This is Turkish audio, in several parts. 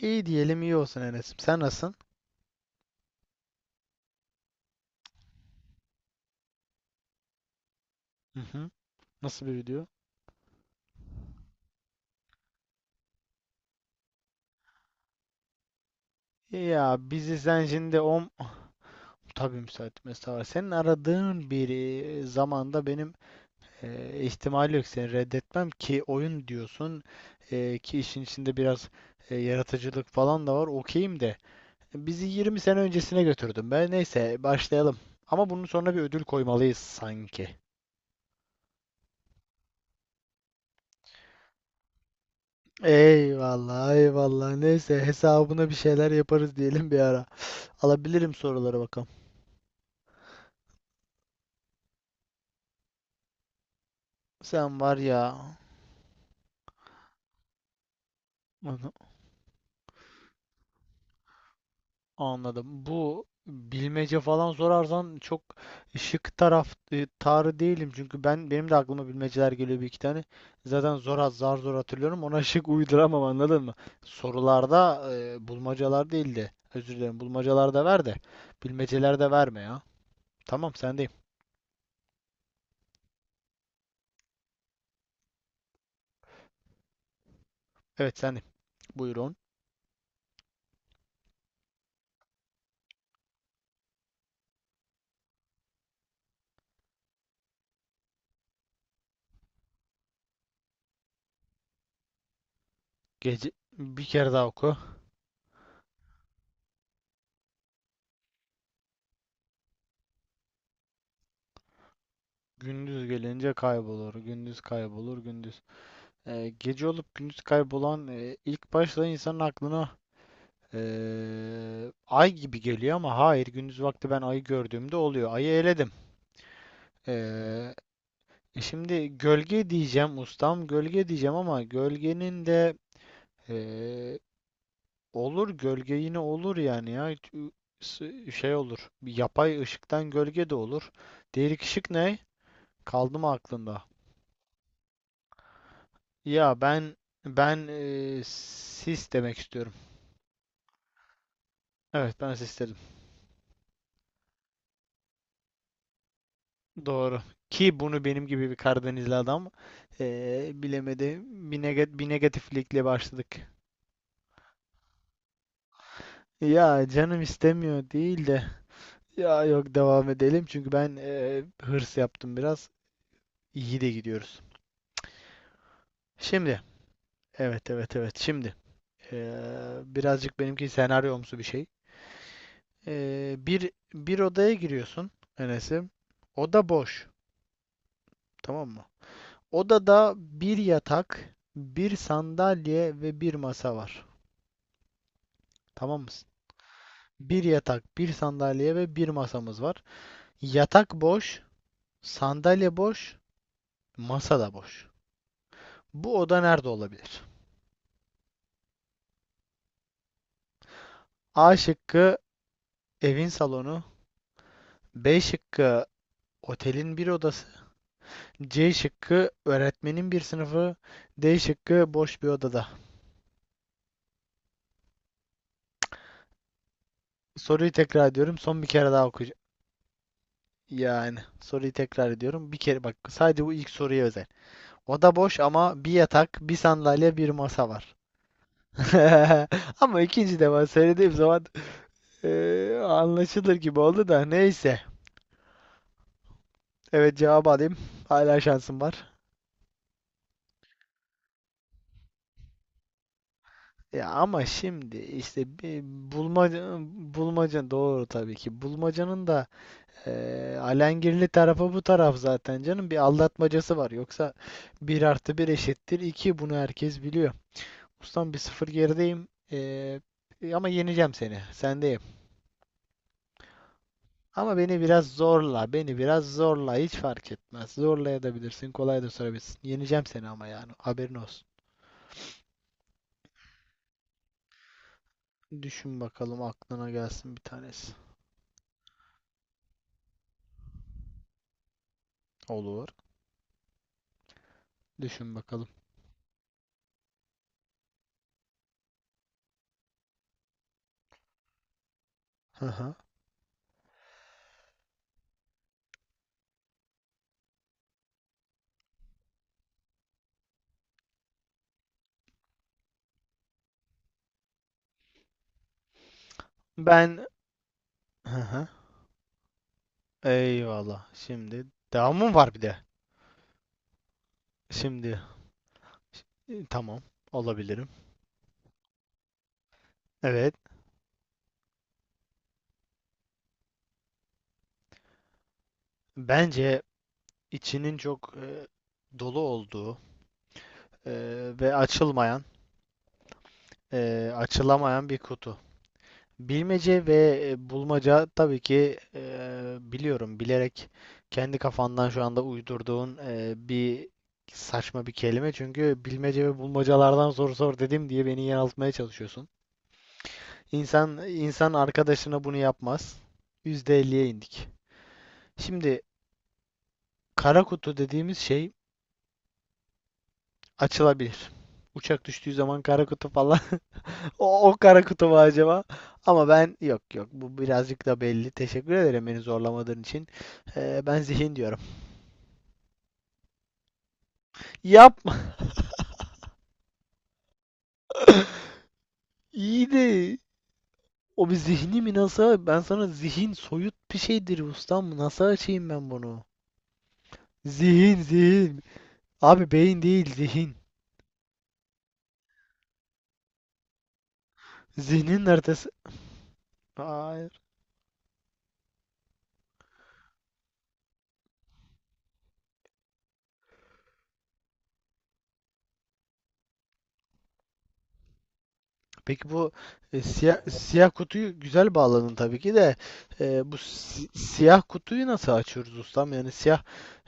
İyi diyelim iyi olsun Enes'im. Sen nasılsın? Hı hı. Nasıl bir video? Ya bizi sen şimdi on... Ah, tabii müsait mesafe var. Senin aradığın bir zamanda benim ihtimal yok seni reddetmem ki oyun diyorsun ki işin içinde biraz yaratıcılık falan da var. Okeyim de. Bizi 20 sene öncesine götürdün be. Neyse başlayalım. Ama bunun sonra bir ödül koymalıyız sanki. Eyvallah eyvallah. Neyse hesabına bir şeyler yaparız diyelim bir ara. Alabilirim, sorulara bakalım. Sen var ya anladım. Bu bilmece falan sorarsan çok şık taraf tarı değilim çünkü benim de aklıma bilmeceler geliyor bir iki tane. Zaten zor az zar zor hatırlıyorum. Ona şık uyduramam, anladın mı? Sorularda bulmacalar değil de, özür dilerim, bulmacalarda ver de bilmeceler de verme ya. Tamam, sendeyim. Evet, sendeyim. Buyurun. Gece bir kere daha oku. Gündüz gelince kaybolur. Gündüz kaybolur. Gündüz. Gece olup gündüz kaybolan ilk başta insanın aklına ay gibi geliyor ama hayır, gündüz vakti ben ayı gördüğümde oluyor. Ayı eledim. Ee, Şimdi gölge diyeceğim ustam, gölge diyeceğim ama gölgenin de e, olur, gölge yine olur yani, ya şey olur, bir yapay ışıktan gölge de olur. Değerik ışık ne? Kaldı mı aklında? Ya ben, sis demek istiyorum. Evet, ben sis dedim. Doğru. Ki bunu benim gibi bir Karadenizli adam bilemedi. Bir negatiflikle başladık. Ya canım istemiyor değil de. Ya yok, devam edelim çünkü ben hırs yaptım biraz. İyi de gidiyoruz. Şimdi. Evet evet evet. Şimdi. Birazcık benimki senaryomsu bir şey. Bir odaya giriyorsun Enes'im. Oda boş. Tamam mı? Odada bir yatak, bir sandalye ve bir masa var. Tamam mı? Bir yatak, bir sandalye ve bir masamız var. Yatak boş, sandalye boş, masa da boş. Bu oda nerede olabilir? A şıkkı evin salonu, B şıkkı otelin bir odası, C şıkkı öğretmenin bir sınıfı, D şıkkı boş bir odada. Soruyu tekrar ediyorum. Son bir kere daha okuyacağım. Yani soruyu tekrar ediyorum. Bir kere bak, sadece bu ilk soruya özel. Oda boş ama bir yatak, bir sandalye, bir masa var. Ama ikinci defa söylediğim zaman anlaşılır gibi oldu da, neyse. Evet, cevabı alayım. Hala şansım var. Ya ama şimdi işte bir bulmaca bulmaca, doğru tabii ki. Bulmacanın da alengirli tarafı bu taraf zaten canım. Bir aldatmacası var. Yoksa 1+1=2. Bunu herkes biliyor. Ustam, 1-0 gerideyim. Ama yeneceğim seni. Sendeyim. Ama beni biraz zorla. Beni biraz zorla. Hiç fark etmez. Zorlayabilirsin. Kolay da sorabilirsin. Yeneceğim seni ama yani. Haberin olsun. Düşün bakalım, aklına gelsin bir tanesi. Olur. Düşün bakalım. Hı hı. Ben hı hı. Eyvallah. Şimdi devamım var bir de. Şimdi tamam, olabilirim. Evet. Bence içinin çok dolu olduğu e, ve açılmayan, açılamayan bir kutu. Bilmece ve bulmaca, tabii ki biliyorum, bilerek kendi kafandan şu anda uydurduğun bir saçma bir kelime. Çünkü bilmece ve bulmacalardan soru sor dedim diye beni yanıltmaya çalışıyorsun. İnsan insan arkadaşına bunu yapmaz. %50'ye indik. Şimdi kara kutu dediğimiz şey açılabilir. Uçak düştüğü zaman kara kutu falan. O kara kutu mu acaba? Ama ben yok yok, bu birazcık da belli. Teşekkür ederim beni zorlamadığın için. Ben zihin diyorum. Yapma. İyiydi. O bir zihni mi NASA? Ben sana zihin soyut bir şeydir ustam. Nasıl açayım ben bunu? Zihin zihin. Abi beyin değil, zihin. Zihnin haritası. Hayır. Peki bu siyah kutuyu güzel bağladın tabii ki de. Bu siyah kutuyu nasıl açıyoruz ustam? Yani siyah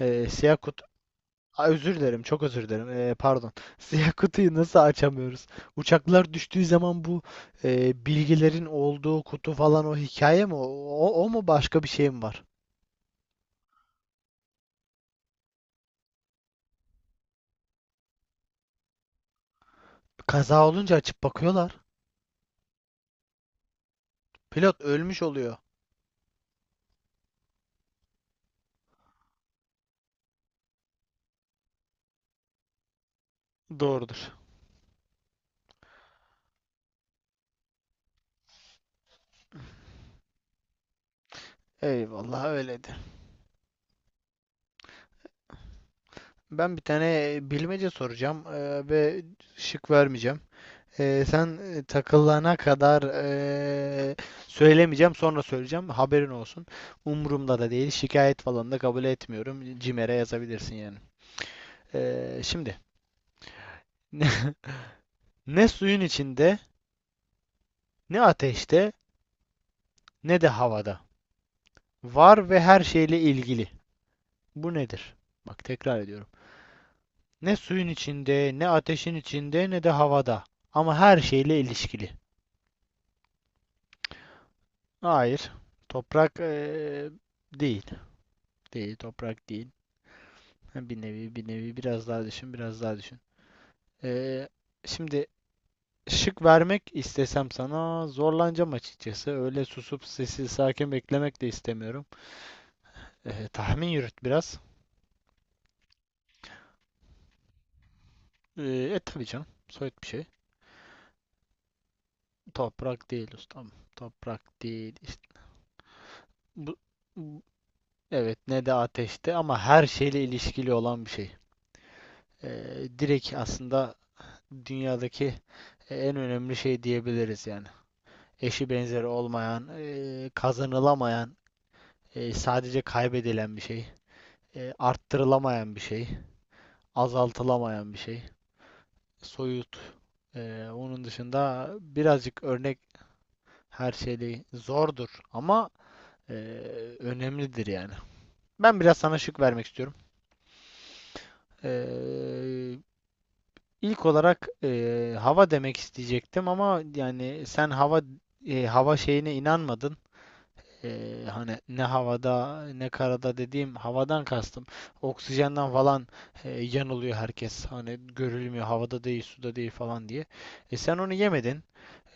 e, siyah kutu. Aa, özür dilerim, çok özür dilerim. Pardon. Siyah kutuyu nasıl açamıyoruz? Uçaklar düştüğü zaman bu bilgilerin olduğu kutu falan, o hikaye mi? O mu, başka bir şey mi var? Kaza olunca açıp bakıyorlar. Pilot ölmüş oluyor. Doğrudur. Eyvallah, öyledir. Ben bir tane bilmece soracağım ve şık vermeyeceğim. Sen takılana kadar söylemeyeceğim, sonra söyleyeceğim. Haberin olsun. Umurumda da değil. Şikayet falan da kabul etmiyorum. Cimer'e yazabilirsin yani. Şimdi ne suyun içinde, ne ateşte, ne de havada. Var ve her şeyle ilgili. Bu nedir? Bak, tekrar ediyorum. Ne suyun içinde, ne ateşin içinde, ne de havada. Ama her şeyle ilişkili. Hayır. Toprak değil. Değil, toprak değil. Ha, bir nevi, bir nevi, biraz daha düşün, biraz daha düşün. Ee, Şimdi şık vermek istesem sana zorlanacağım açıkçası. Öyle susup sessiz sakin beklemek de istemiyorum. Tahmin yürüt biraz. Ee, tabii canım, soyut bir şey. Toprak değil ustam. Toprak değil. İşte bu, bu- evet, ne de ateşte, ama her şeyle ilişkili olan bir şey. Direkt aslında dünyadaki en önemli şey diyebiliriz yani. Eşi benzeri olmayan, kazanılamayan. Sadece kaybedilen bir şey. Arttırılamayan bir şey. Azaltılamayan bir şey. Soyut. Onun dışında birazcık örnek her şeyde zordur ama e, önemlidir yani. Ben biraz sana şık vermek istiyorum. E, ilk olarak hava demek isteyecektim ama yani sen hava şeyine inanmadın. Hani ne havada ne karada dediğim havadan kastım. Oksijenden falan yanılıyor herkes. Hani görülmüyor, havada değil, suda değil falan diye. Sen onu yemedin.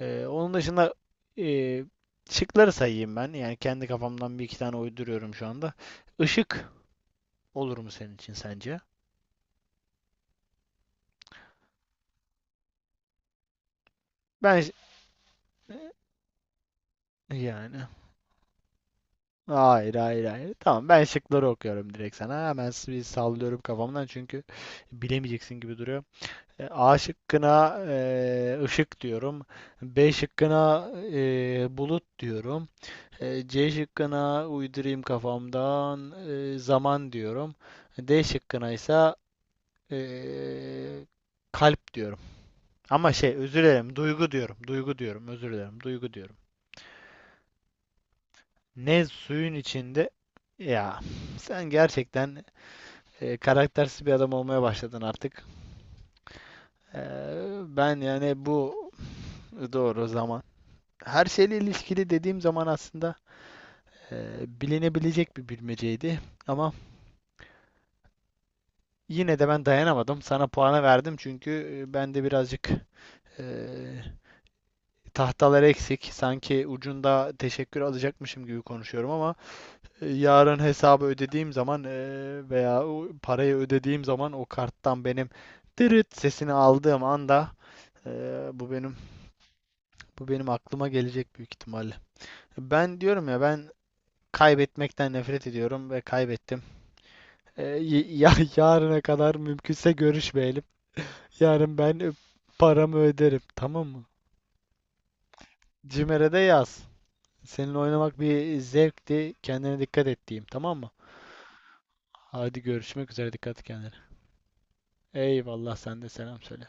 Onun dışında e, şıkları sayayım ben. Yani kendi kafamdan bir iki tane uyduruyorum şu anda. Işık olur mu senin için sence? Ben ş- yani hayır hayır hayır. Tamam, ben şıkları okuyorum direkt sana. Hemen bir sallıyorum kafamdan çünkü bilemeyeceksin gibi duruyor. A şıkkına ışık diyorum. B şıkkına bulut diyorum. C şıkkına uydurayım kafamdan zaman diyorum. D şıkkına ise e, kalp diyorum. Ama şey, özür dilerim, duygu diyorum. Duygu diyorum, özür dilerim, duygu diyorum. Ne suyun içinde ya sen gerçekten karaktersiz bir adam olmaya başladın artık. E, Ben yani, bu doğru, zaman. Her şeyle ilişkili dediğim zaman aslında bilinebilecek bir bilmeceydi. Ama yine de ben dayanamadım. Sana puanı verdim çünkü ben de birazcık eee tahtalar eksik. Sanki ucunda teşekkür alacakmışım gibi konuşuyorum ama yarın hesabı ödediğim zaman veya o parayı ödediğim zaman, o karttan benim tırıt sesini aldığım anda eee, bu benim bu benim aklıma gelecek büyük ihtimalle. Ben diyorum ya, ben kaybetmekten nefret ediyorum ve kaybettim. Ya yarına kadar mümkünse görüşmeyelim. Yarın ben paramı öderim, tamam mı? Cimer'e de yaz. Seninle oynamak bir zevkti. Kendine dikkat et diyeyim, tamam mı? Hadi görüşmek üzere, dikkat et kendine. Eyvallah, sen de selam söyle.